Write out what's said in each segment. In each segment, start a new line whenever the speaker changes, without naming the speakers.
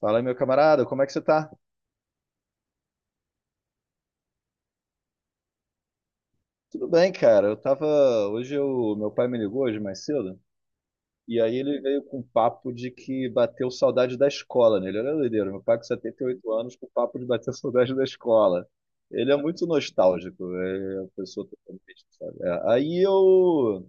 Fala, meu camarada, como é que você tá? Tudo bem, cara. Eu tava. Hoje eu... meu pai me ligou hoje mais cedo. E aí ele veio com um papo de que bateu saudade da escola nele. Olha a doideira, meu pai com 78 anos com papo de bater saudade da escola. Ele é muito nostálgico, é a pessoa totalmente, sabe?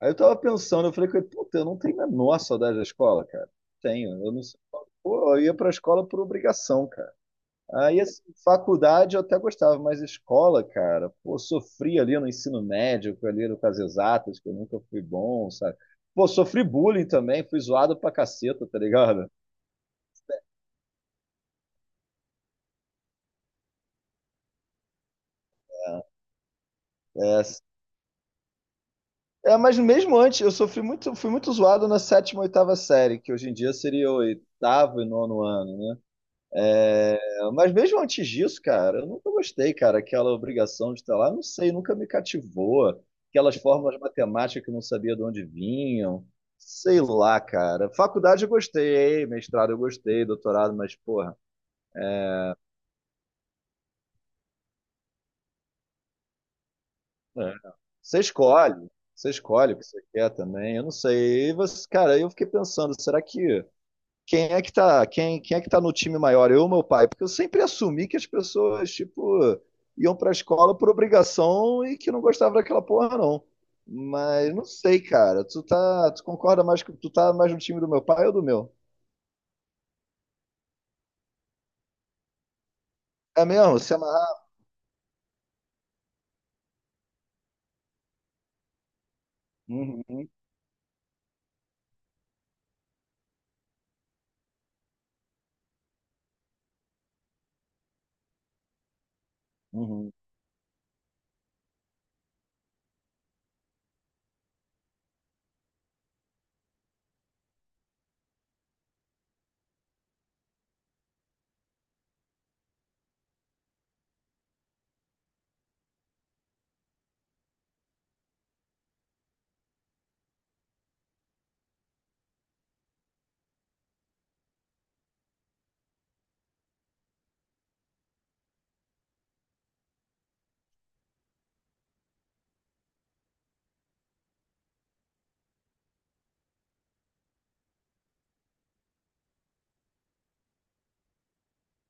Aí eu tava pensando, eu falei com ele, puta, eu não tenho a menor saudade da escola, cara. Tenho, eu não sei. Pô, eu ia pra escola por obrigação, cara. Aí, assim, faculdade eu até gostava, mas escola, cara, pô, sofri ali no ensino médio, ali no Cas Exatas, que eu nunca fui bom, sabe? Pô, sofri bullying também, fui zoado pra caceta, tá ligado? É, é, mas mesmo antes, eu sofri muito, fui muito zoado na sétima, oitava série, que hoje em dia seria o oitavo e nono ano. É, mas mesmo antes disso, cara, eu nunca gostei, cara, aquela obrigação de estar lá, não sei, nunca me cativou. Aquelas fórmulas matemáticas que eu não sabia de onde vinham, sei lá, cara. Faculdade eu gostei, mestrado eu gostei, doutorado, mas, porra, é, você escolhe, você escolhe o que você quer também, eu não sei. E você, cara, eu fiquei pensando, será que quem é que tá no time maior, eu ou meu pai? Porque eu sempre assumi que as pessoas, tipo, iam pra escola por obrigação e que não gostavam daquela porra, não. Mas não sei, cara. Tu concorda mais que tu tá mais no time do meu pai ou do meu? É mesmo? Se amarrar. Uhum, uhum.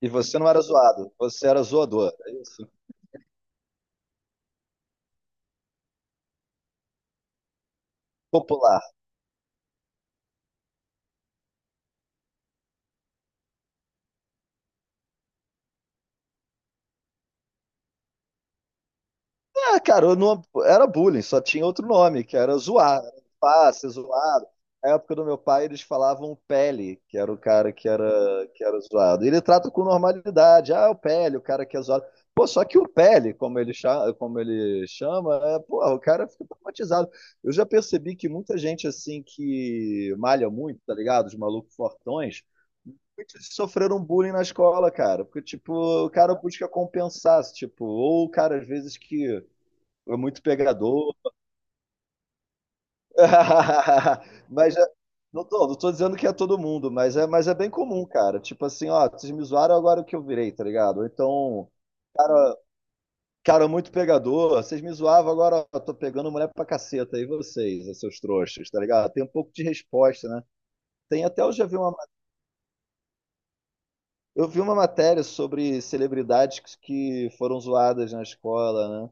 E você não era zoado, você era zoador, é isso? Popular. Ah, cara, eu não, era bullying, só tinha outro nome, que era zoar. Era fácil, zoado. Na época do meu pai, eles falavam Pele, que era o cara que era zoado. E ele trata com normalidade. Ah, o Pele, o cara que é zoado. Pô, só que o Pele, como ele chama, é, porra, o cara fica traumatizado. Eu já percebi que muita gente, assim, que malha muito, tá ligado? Os malucos fortões, muitos sofreram bullying na escola, cara. Porque, tipo, o cara busca compensar, tipo, ou o cara, às vezes, que é muito pegador. Mas é- não tô dizendo que é todo mundo, mas é bem comum, cara. Tipo assim, ó, vocês me zoaram agora é o que eu virei, tá ligado? Ou então, cara, muito pegador, vocês me zoavam agora, ó, tô pegando mulher pra caceta, e vocês, seus trouxas, tá ligado? Tem um pouco de resposta, né? Tem até, eu vi uma matéria sobre celebridades que foram zoadas na escola, né?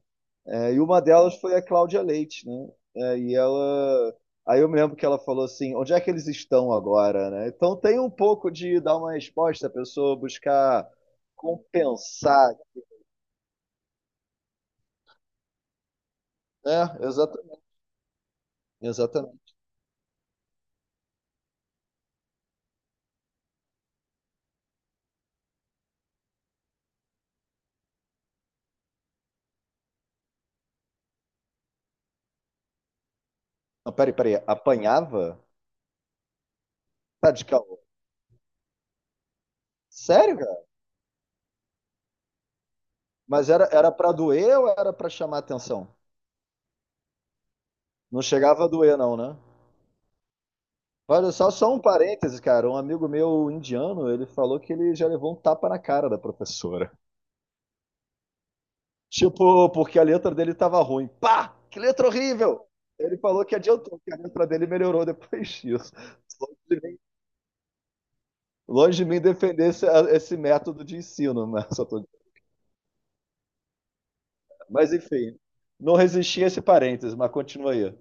É, e uma delas foi a Cláudia Leite, né? É, e ela. Aí eu me lembro que ela falou assim: onde é que eles estão agora, né? Então tem um pouco de dar uma resposta, a pessoa buscar compensar, né? Exatamente. Exatamente. Não, peraí, peraí. Apanhava? Tá de caô. Sério, cara? Mas era pra doer ou era pra chamar atenção? Não chegava a doer, não, né? Olha só, só um parêntese, cara. Um amigo meu indiano, ele falou que ele já levou um tapa na cara da professora. Tipo, porque a letra dele tava ruim. Pá! Que letra horrível! Ele falou que adiantou, que a letra dele melhorou depois disso. Longe de mim, longe de mim defender esse método de ensino, né? Mas enfim, não resisti a esse parênteses, mas continua aí.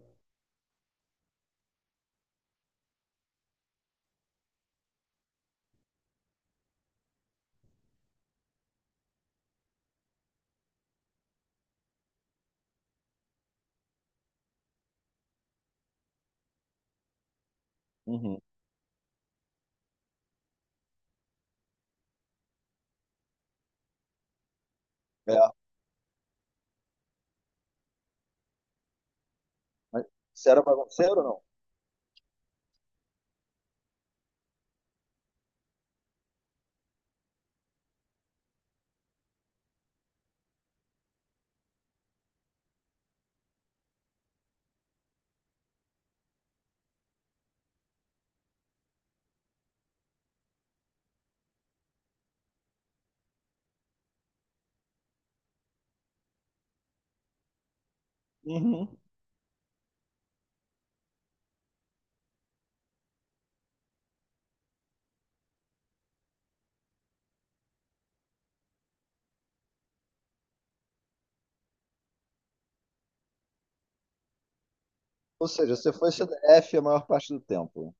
Uhum. É, mas você era bagunceiro ou não? Uhum. Ou seja, você foi CDF a maior parte do tempo.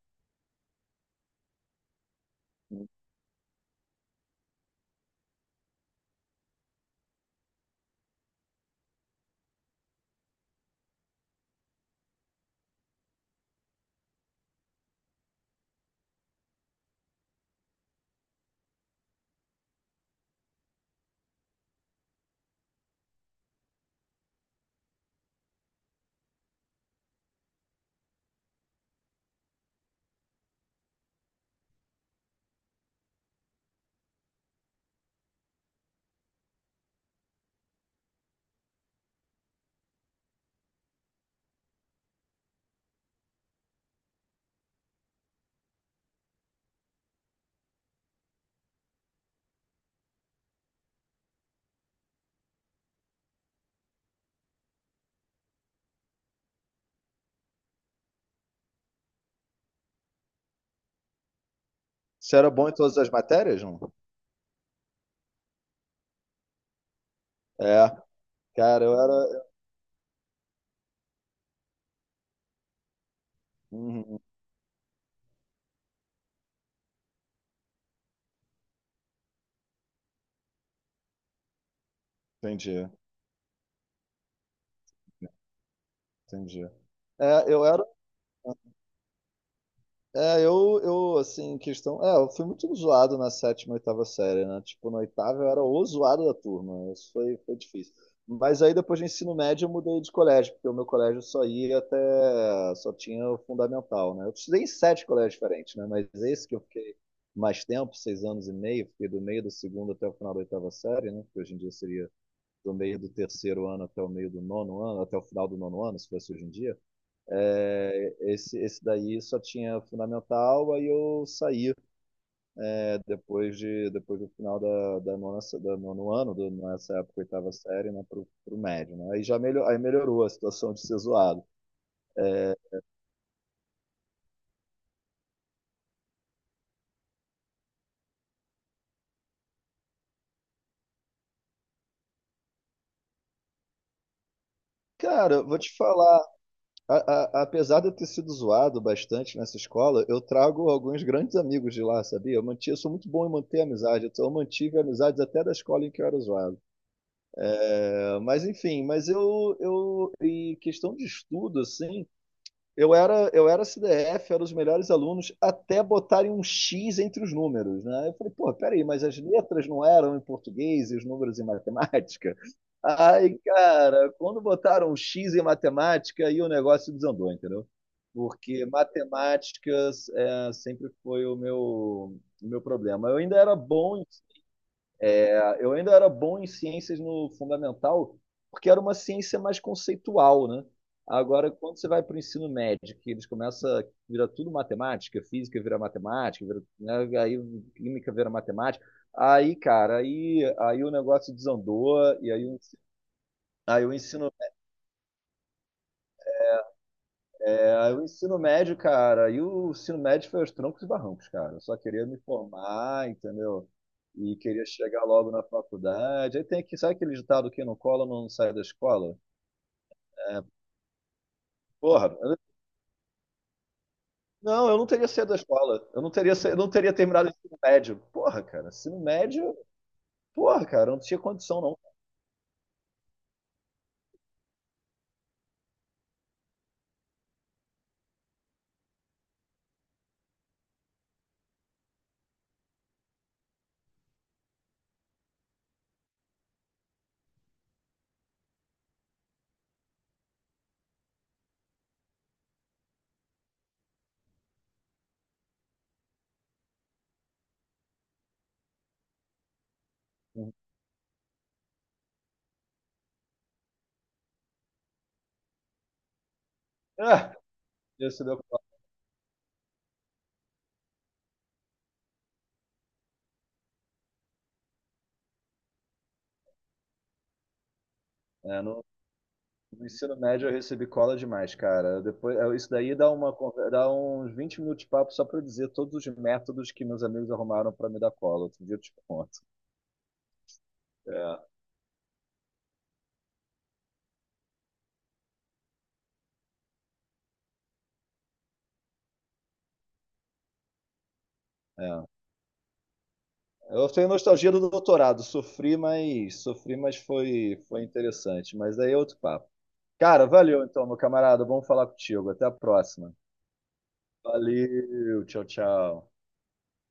Você era bom em todas as matérias, não? É, cara, eu era. Uhum, entendi, entendi. É, eu era. É, assim, questão. É, eu fui muito zoado na sétima, oitava série, né? Tipo, na oitava eu era o zoado da turma. Isso foi difícil. Mas aí depois do ensino médio eu mudei de colégio, porque o meu colégio só ia até. Só tinha o fundamental, né? Eu estudei em sete colégios diferentes, né? Mas esse que eu fiquei mais tempo, 6 anos e meio, fiquei do meio do segundo até o final da oitava série, né? Que hoje em dia seria do meio do terceiro ano até o meio do nono ano, até o final do nono ano, se fosse hoje em dia. É, esse daí só tinha fundamental, aí eu saí, né, depois do final da nono ano, nessa época, oitava série, né, pro médio, né? Aí já melhor, aí melhorou a situação de ser zoado. Cara, vou te falar, apesar de eu ter sido zoado bastante nessa escola, eu trago alguns grandes amigos de lá, sabia? Eu sou muito bom em manter amizade, então eu mantive amizades até da escola em que eu era zoado. É, mas enfim, mas em questão de estudo, assim, eu era CDF, era os melhores alunos, até botarem um X entre os números, né? Eu falei, pô, peraí, mas as letras não eram em português e os números em matemática? Aí, cara, quando botaram um X em matemática, aí o negócio desandou, entendeu? Porque matemáticas sempre foi o meu, problema. Eu ainda era bom em ciências no fundamental, porque era uma ciência mais conceitual, né? Agora, quando você vai para o ensino médio, que eles começam a virar tudo matemática, física vira matemática, vira, né? Aí química vira matemática, aí, cara, aí o negócio desandou, aí o ensino, aí o ensino médio foi aos troncos e barrancos, cara. Eu só queria me formar, entendeu? E queria chegar logo na faculdade. Sabe aquele ditado que não cola, não sai da escola? Porra, não, eu não teria saído da escola. Eu não teria terminado o ensino médio. Porra, cara, ensino médio, porra, cara, eu não tinha condição, não. Ah, isso deu cola. É, no ensino médio eu recebi cola demais, cara. Depois, isso daí dá uns 20 minutos de papo só pra eu dizer todos os métodos que meus amigos arrumaram pra me dar cola. Outro dia eu te conto. É, é. Eu tenho nostalgia do doutorado, sofri, mas foi interessante. Mas daí é outro papo. Cara, valeu então, meu camarada. Vamos falar contigo. Até a próxima. Valeu, tchau, tchau.